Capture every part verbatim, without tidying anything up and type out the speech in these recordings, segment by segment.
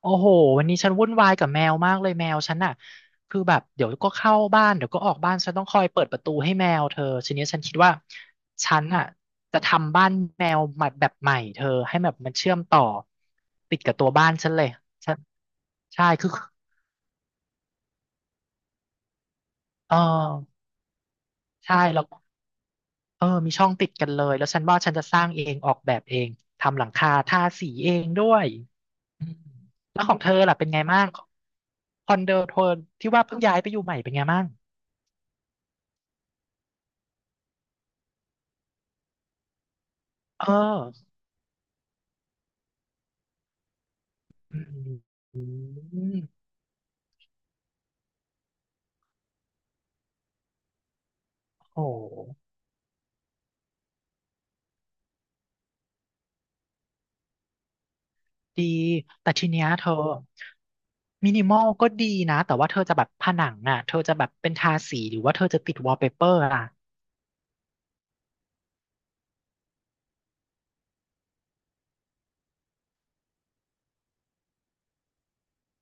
โอ้โหวันนี้ฉันวุ่นวายกับแมวมากเลยแมวฉันน่ะคือแบบเดี๋ยวก็เข้าบ้านเดี๋ยวก็ออกบ้านฉันต้องคอยเปิดประตูให้แมวเธอทีนี้ฉันคิดว่าฉันอ่ะจะทำบ้านแมวใหม่แบบใหม่เธอให้แบบมันเชื่อมต่อติดกับตัวบ้านฉันเลยฉันใช่คือเออใช่แล้วเออมีช่องติดกันเลยแล้วฉันว่าฉันจะสร้างเองออกแบบเองทำหลังคาทาสีเองด้วยอืมแล้วของเธอล่ะเป็นไงบ้างคอนโดเธอที่ว่าเพิ่งย้ายไปอยู่ใหม่เป็นไงบ้างเออ อืมโหดี แต่ทีเนี้ยเธอมินิมอลก็ดีนะ แต่ว่าเธอจะแบบผนังอ่ะเธอจะแบบเป็นทาสีหรือว่าเธอจะติดวอลเปเปอร์อ่ะ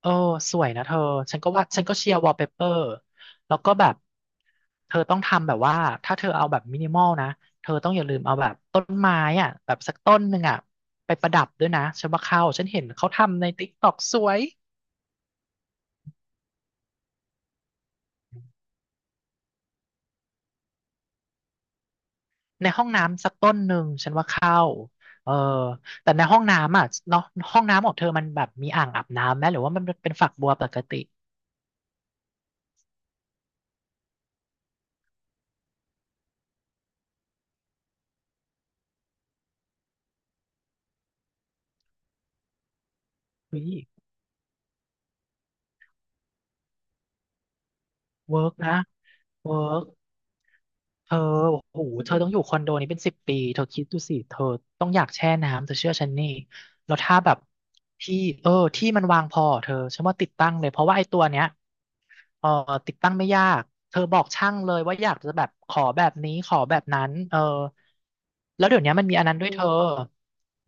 เออสวยนะเธอ ฉันก็ว่าฉันก็เชียร์วอลเปเปอร์แล้วก็แบบ เธอต้องทำแบบว่า ถ้าเธอเอาแบบมินิมอลนะ เธอต้องอย่าลืมเอาแบบต้นไม้อ่ะแบบสักต้นหนึ่งอ่ะไปประดับด้วยนะฉันว่าเข้าฉันเห็นเขาทำในติ๊กต็อกสวย ในห้องน้ำสักต้นหนึ่งฉันว่าเข้าเออแต่ในห้องน้ำอ่ะเนาะห้องน้ำของเธอมันแบบมีอ่างอาบน้ำไหมหรือว่ามันเป็นฝักบัวปกติเฮ้ยเวิร์กนะเวิร์กเธอโอ้โหเธอต้องอยู่คอนโดนี้เป็นสิบปีเธอคิดดูสิเธอต้องอยากแช่น้ำเธอเชื่อฉันนี่แล้วถ้าแบบที่เออที่มันวางพอเธอฉันว่าติดตั้งเลยเพราะว่าไอ้ตัวเนี้ย เออติดตั้งไม่ยากเธอบอกช่างเลยว่าอยากจะแบบขอแบบนี้ขอแบบนั้นเออแล้วเดี๋ยวนี้มันมีอันนั้นด้วยเธอ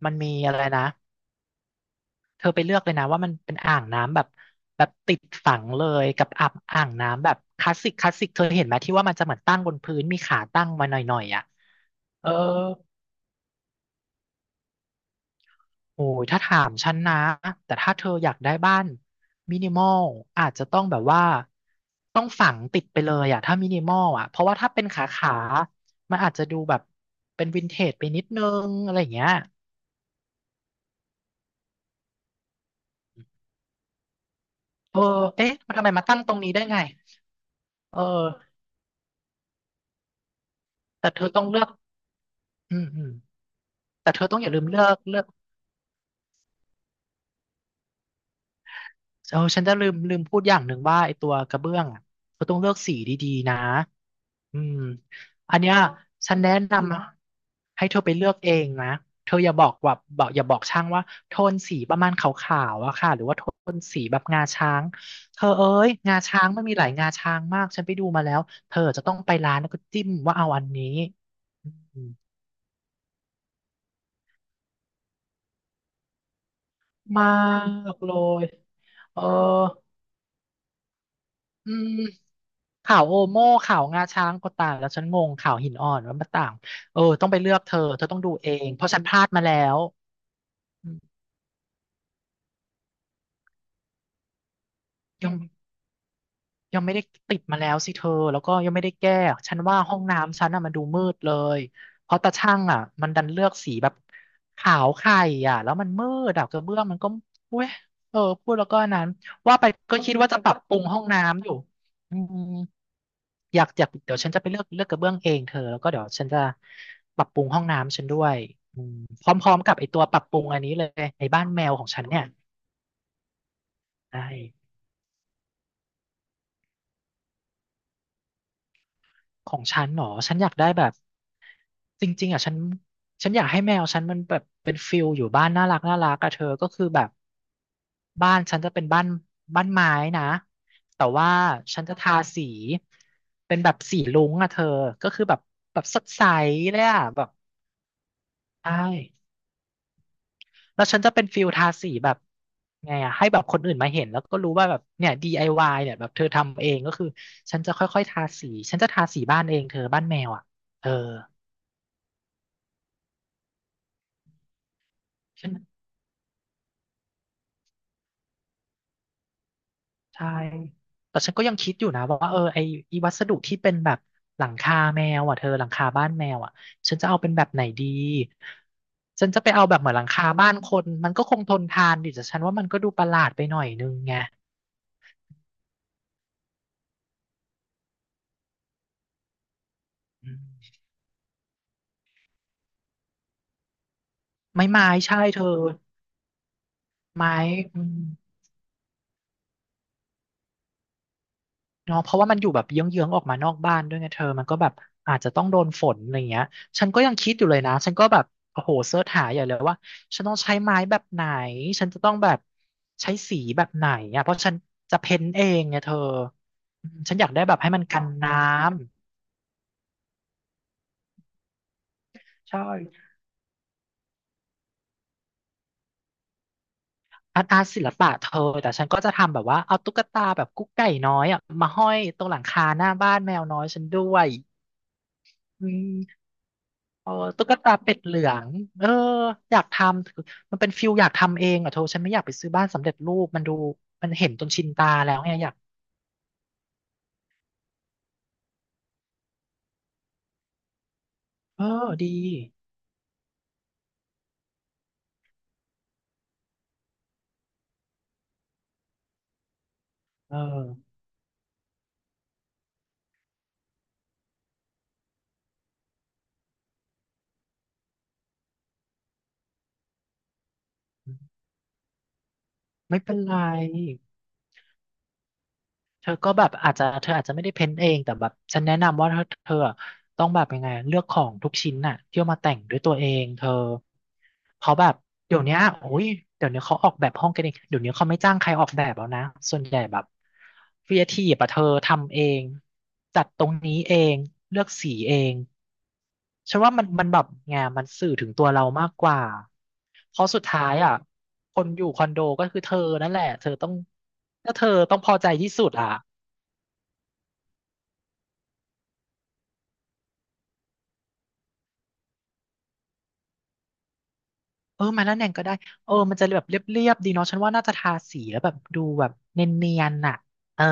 มันมีอะไรนะเธอไปเลือกเลยนะว่ามันเป็นอ่างน้ำแบบแบบติดฝังเลยกับอ่างอ่างน้ำแบบคลาสสิกคลาสสิกเธอเห็นไหมที่ว่ามันจะเหมือนตั้งบนพื้นมีขาตั้งมาหน่อยๆอ่ะเออ โอ้ยถ้าถามฉันนะแต่ถ้าเธออยากได้บ้านมินิมอลอาจจะต้องแบบว่าต้องฝังติดไปเลยอะถ้ามินิมอลอะเพราะว่าถ้าเป็นขาขามันอาจจะดูแบบเป็นวินเทจไปนิดนึงอะไรอย่างเงี้ยเออเอ๊ะมันทำไมมาตั้งตรงนี้ได้ไงเออแต่เธอต้องเลือกอืมอืมแต่เธอต้องอย่าลืมเลือกเลือก เออฉันจะลืมลืมพูดอย่างหนึ่งว่าไอตัวกระเบื้องอ่ะเขาต้องเลือกสีดีๆนะอืมอันเนี้ยฉันแนะนำนะให้เธอไปเลือกเองนะเธออย่าบอกว่าบอกอย่าบอกช่างว่าโทนสีประมาณขาวๆอะค่ะหรือว่าโทนสีแบบงาช้างเธอเอ้ยงาช้างมันมีหลายงาช้างมากฉันไปดูมาแล้วเธอจะต้องไปร้านแล้วก็จิ้มว่าเอาอันนี้อืมมากเลยเออ อืมขาวโอโม่ขาวงาช้างก็ต่างแล้วฉันงงขาวหินอ่อนว่ามันต่างเออต้องไปเลือกเธอเธอต้องดูเองเพราะฉันพลาดมาแล้วอืมยังยังไม่ได้ติดมาแล้วสิเธอแล้วก็ยังไม่ได้แก้ฉันว่าห้องน้ำฉันอ่ะมันดูมืดเลยเพราะตาช่างอ่ะมันดันเลือกสีแบบขาวไข่อ่ะแล้วมันมืดอ่ะกระเบื้องมันก็เว้ยเออพูดแล้วก็อันนั้นว่าไปก็คิดว่าจะปรับปรุงห้องน้ำอยู่อืม อยากอยากเดี๋ยวฉันจะไปเลือกเลือกกระเบื้องเองเธอแล้วก็เดี๋ยวฉันจะปรับปรุงห้องน้ำฉันด้วยอืมพร้อมๆกับไอตัวปรับปรุงอันนี้เลยไอบ้านแมวของฉันเนี่ยได้ของฉันหนอฉันอยากได้แบบจริงๆอ่ะฉันฉันอยากให้แมวฉันมันแบบเป็นฟิลอยู่บ้านน่ารักน่ารักอะเธอก็คือแบบบ้านฉันจะเป็นบ้านบ้านไม้นะแต่ว่าฉันจะทาสีเป็นแบบสีรุ้งอะเธอก็คือแบบแบบสดใสเลยอะแบบใช่ แล้วฉันจะเป็นฟิลทาสีแบบไงอะให้แบบคนอื่นมาเห็นแล้วก็รู้ว่าแบบเนี่ย ดี ไอ วาย เนี่ยแบบเธอทำเองก็คือฉันจะค่อยๆทาสีฉันจะทาสีบ้านเองเธอบ้านแมวอ่ะเออฉันใช่แต่ฉันก็ยังคิดอยู่นะว่าเออไอไอวัสดุที่เป็นแบบหลังคาแมวอ่ะเธอหลังคาบ้านแมวอ่ะฉันจะเอาเป็นแบบไหนดีฉันจะไปเอาแบบเหมือนหลังคาบ้านคนมันก็คงทนทานดิแต่ฉันว่ามันก็ดูประหลาดไปหน่อยนึงไงอืมไม้ไม้ใช่เธอไม้อืม เนาะเพราะว่ามันอยู่แบบเยื้องๆออกมานอกบ้านด้วยไงเธอมันก็แบบอาจจะต้องโดนฝนอะไรเงี้ยฉันก็ยังคิดอยู่เลยนะฉันก็แบบโอ้โหเสิร์ชหาใหญ่เลยว่าฉันต้องใช้ไม้แบบไหนฉันจะต้องแบบใช้สีแบบไหนอ่ะเพราะฉันจะเพ้นท์เองไงเธออืมฉันอยากได้แบบให้มันกันน้ำใช่อาร์ตอาร์ตศิลปะเธอแต่ฉันก็จะทำแบบว่าเอาตุ๊กตาแบบกุ๊กไก่น้อยอ่ะมาห้อยตรงหลังคาหน้าบ้านแมวน้อยฉันด้วยอืม เออตุ๊กตาเป็ดเหลืองเอออยากทำมันเป็นฟิลอยากทำเองอ่ะโทฉันไม่อยากไปซื้อบ้านสำเร็จรูปมันดูมันเห็นจนชินตาแล้วไงอยากเออดีเออไม่เป็นไร เธอก็แบบอาจจะเธออาจจะไม่ได้เพ้นเองแต่แบบฉันแนะนำว่าเธอเธอต้องแบบยังไงเลือกของทุกชิ้นน่ะที่เอามาแต่งด้วยตัวเองเธอเขาแบบเดี๋ยวเนี้ยโอ้ยเดี๋ยวนี้เขาออกแบบห้องกันเองเดี๋ยวนี้เขาไม่จ้างใครออกแบบแล้วนะส่วนใหญ่แบบครีเอทีฟอะเธอทำเองจัดตรงนี้เองเลือกสีเองฉันว่ามันมันแบบไงมันสื่อถึงตัวเรามากกว่าเพราะสุดท้ายอ่ะคนอยู่คอนโดก็คือเธอนั่นแหละเธอต้องก็เธอต้องพอใจที่สุดอ่ะ เออมาแลวแหน่งก็ได้เออมันจะแบบเรียบๆดีเนาะฉันว่าน่าจะทาสีแล้วแบบดูแบบเนียนๆน่ะเออ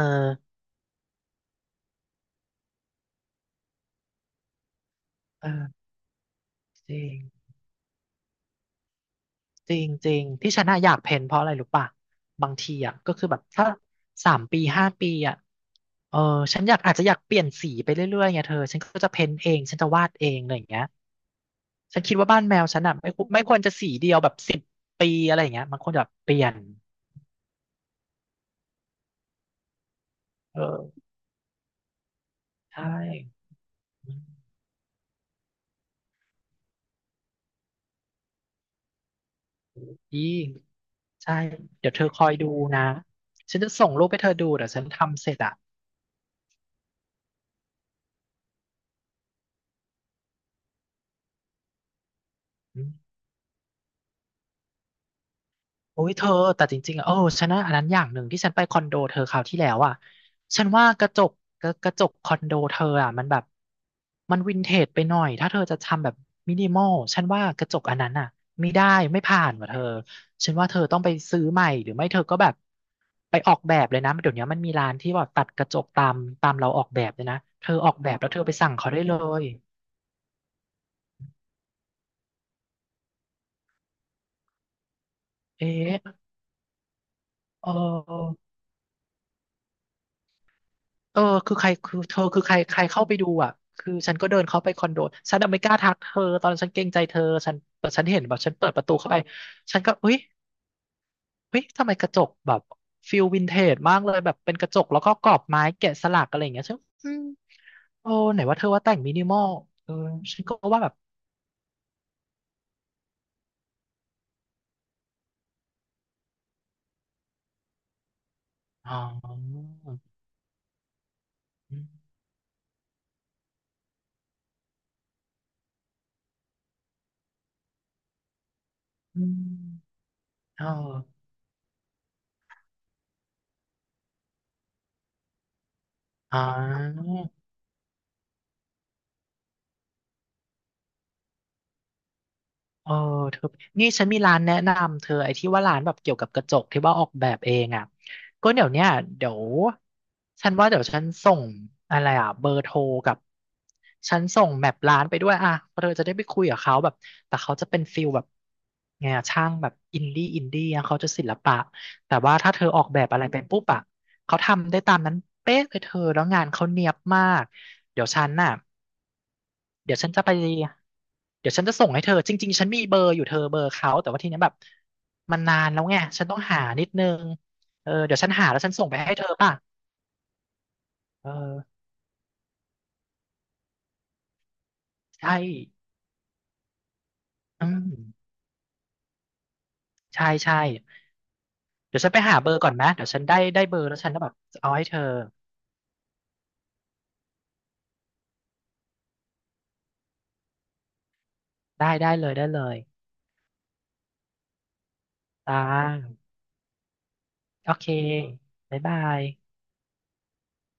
เออจริงจริงจริงที่ฉันน่ะอยากเพ้นเพราะอะไรรู้ป่ะบางทีอ่ะก็คือแบบถ้าสามปีห้าปีอ่ะเออฉันอยากอาจจะอยากเปลี่ยนสีไปเรื่อยๆไงเธอฉันก็จะเพ้นเองฉันจะวาดเองอะไรอย่างเงี้ยฉันคิดว่าบ้านแมวฉันอ่ะไม่ควรไม่ควรจะสีเดียวแบบสิบปีอะไรอย่างเงี้ยมันควรจะแบบเปลี่ยนเออใช่ อีใช่เดี๋ยวเธอคอยดูนะฉันจะส่งรูปให้เธอดูเดี๋ยวฉันทำเสร็จอ่ะอืมโอ้ยเธอแต่จริงๆอ่ะโอ้ฉันนะอันนั้นอย่างหนึ่งที่ฉันไปคอนโดเธอคราวที่แล้วอ่ะฉันว่ากระจกกระกระจกคอนโดเธออ่ะมันแบบมันวินเทจไปหน่อยถ้าเธอจะทำแบบมินิมอลฉันว่ากระจกอันนั้นอ่ะไม่ได้ไม่ผ่านว่ะเธอฉันว่าเธอต้องไปซื้อใหม่หรือไม่เธอก็แบบไปออกแบบเลยนะเดี๋ยวนี้มันมีร้านที่แบบตัดกระจกตามตามเราออกแบบเลยนะเธอออกแบบแล้วเธอไปสั่งเขาได้เลย เอ๊ะเออเออคือใครคือเธอคือใครใครเข้าไปดูอ่ะคือฉันก็เดินเข้าไปคอนโดฉันน่ะไม่กล้าทักเธอตอนนั้นฉันเกรงใจเธอ ฉันแต่ฉันเห็นแบบฉันเปิดประตูเข้าไป ฉันก็เฮ้ยเฮ้ยทำไมกระจกแบบฟิลวินเทจมากเลยแบบเป็นกระจกแล้วก็กรอบไม้แกะสลักอะไรอย่างเงี้ยฉันอืมโอ้ไหนว่าเธอว่าแต่งมินิมอลเออฉันก็ว่าแบบอ๋ออืมอ๋ออ๋อ เออเธอนี่ฉันมีร้านแนะนำเธอไอ้ที่ว่าร้านแบบเกี่ยวกับกระจกที่ว่าออกแบบเองอ่ะก็เดี๋ยวเนี้ยเดี๋ยวฉันว่าเดี๋ยวฉันส่งอะไรอ่ะเบอร์โทรกับฉันส่งแมปร้านไปด้วยอ่ะเพราะเธอจะได้ไปคุยกับเขาแบบแต่เขาจะเป็นฟิลแบบไงอะช่างแบบอินดี้อินดี้อะเขาจะศิลปะแต่ว่าถ้าเธอออกแบบอะไรเป็นปุ๊บอ่ะเขาทำได้ตามนั้นเป๊ะเลยเธอแล้วงานเขาเนียบมากเดี๋ยวฉันน่ะ เดี๋ยวฉันจะไปเดี๋ยวฉันจะส่งให้เธอจริงๆฉันมีเบอร์อยู่เธอเบอร์เขาแต่ว่าทีเนี้ยแบบมันนานแล้วไงฉันต้องหานิดนึงเออเดี๋ยวฉันหาแล้วฉันส่งไปให้เธอป่ะเออใช่อืมใช่ใช่เดี๋ยวฉันไปหาเบอร์ก่อนนะเดี๋ยวฉันได้ได้เบอร์แล้วฉันก็แบบเอาให้เธอได้ได้เลยได้เลยตาโอเคบ๊ายบาย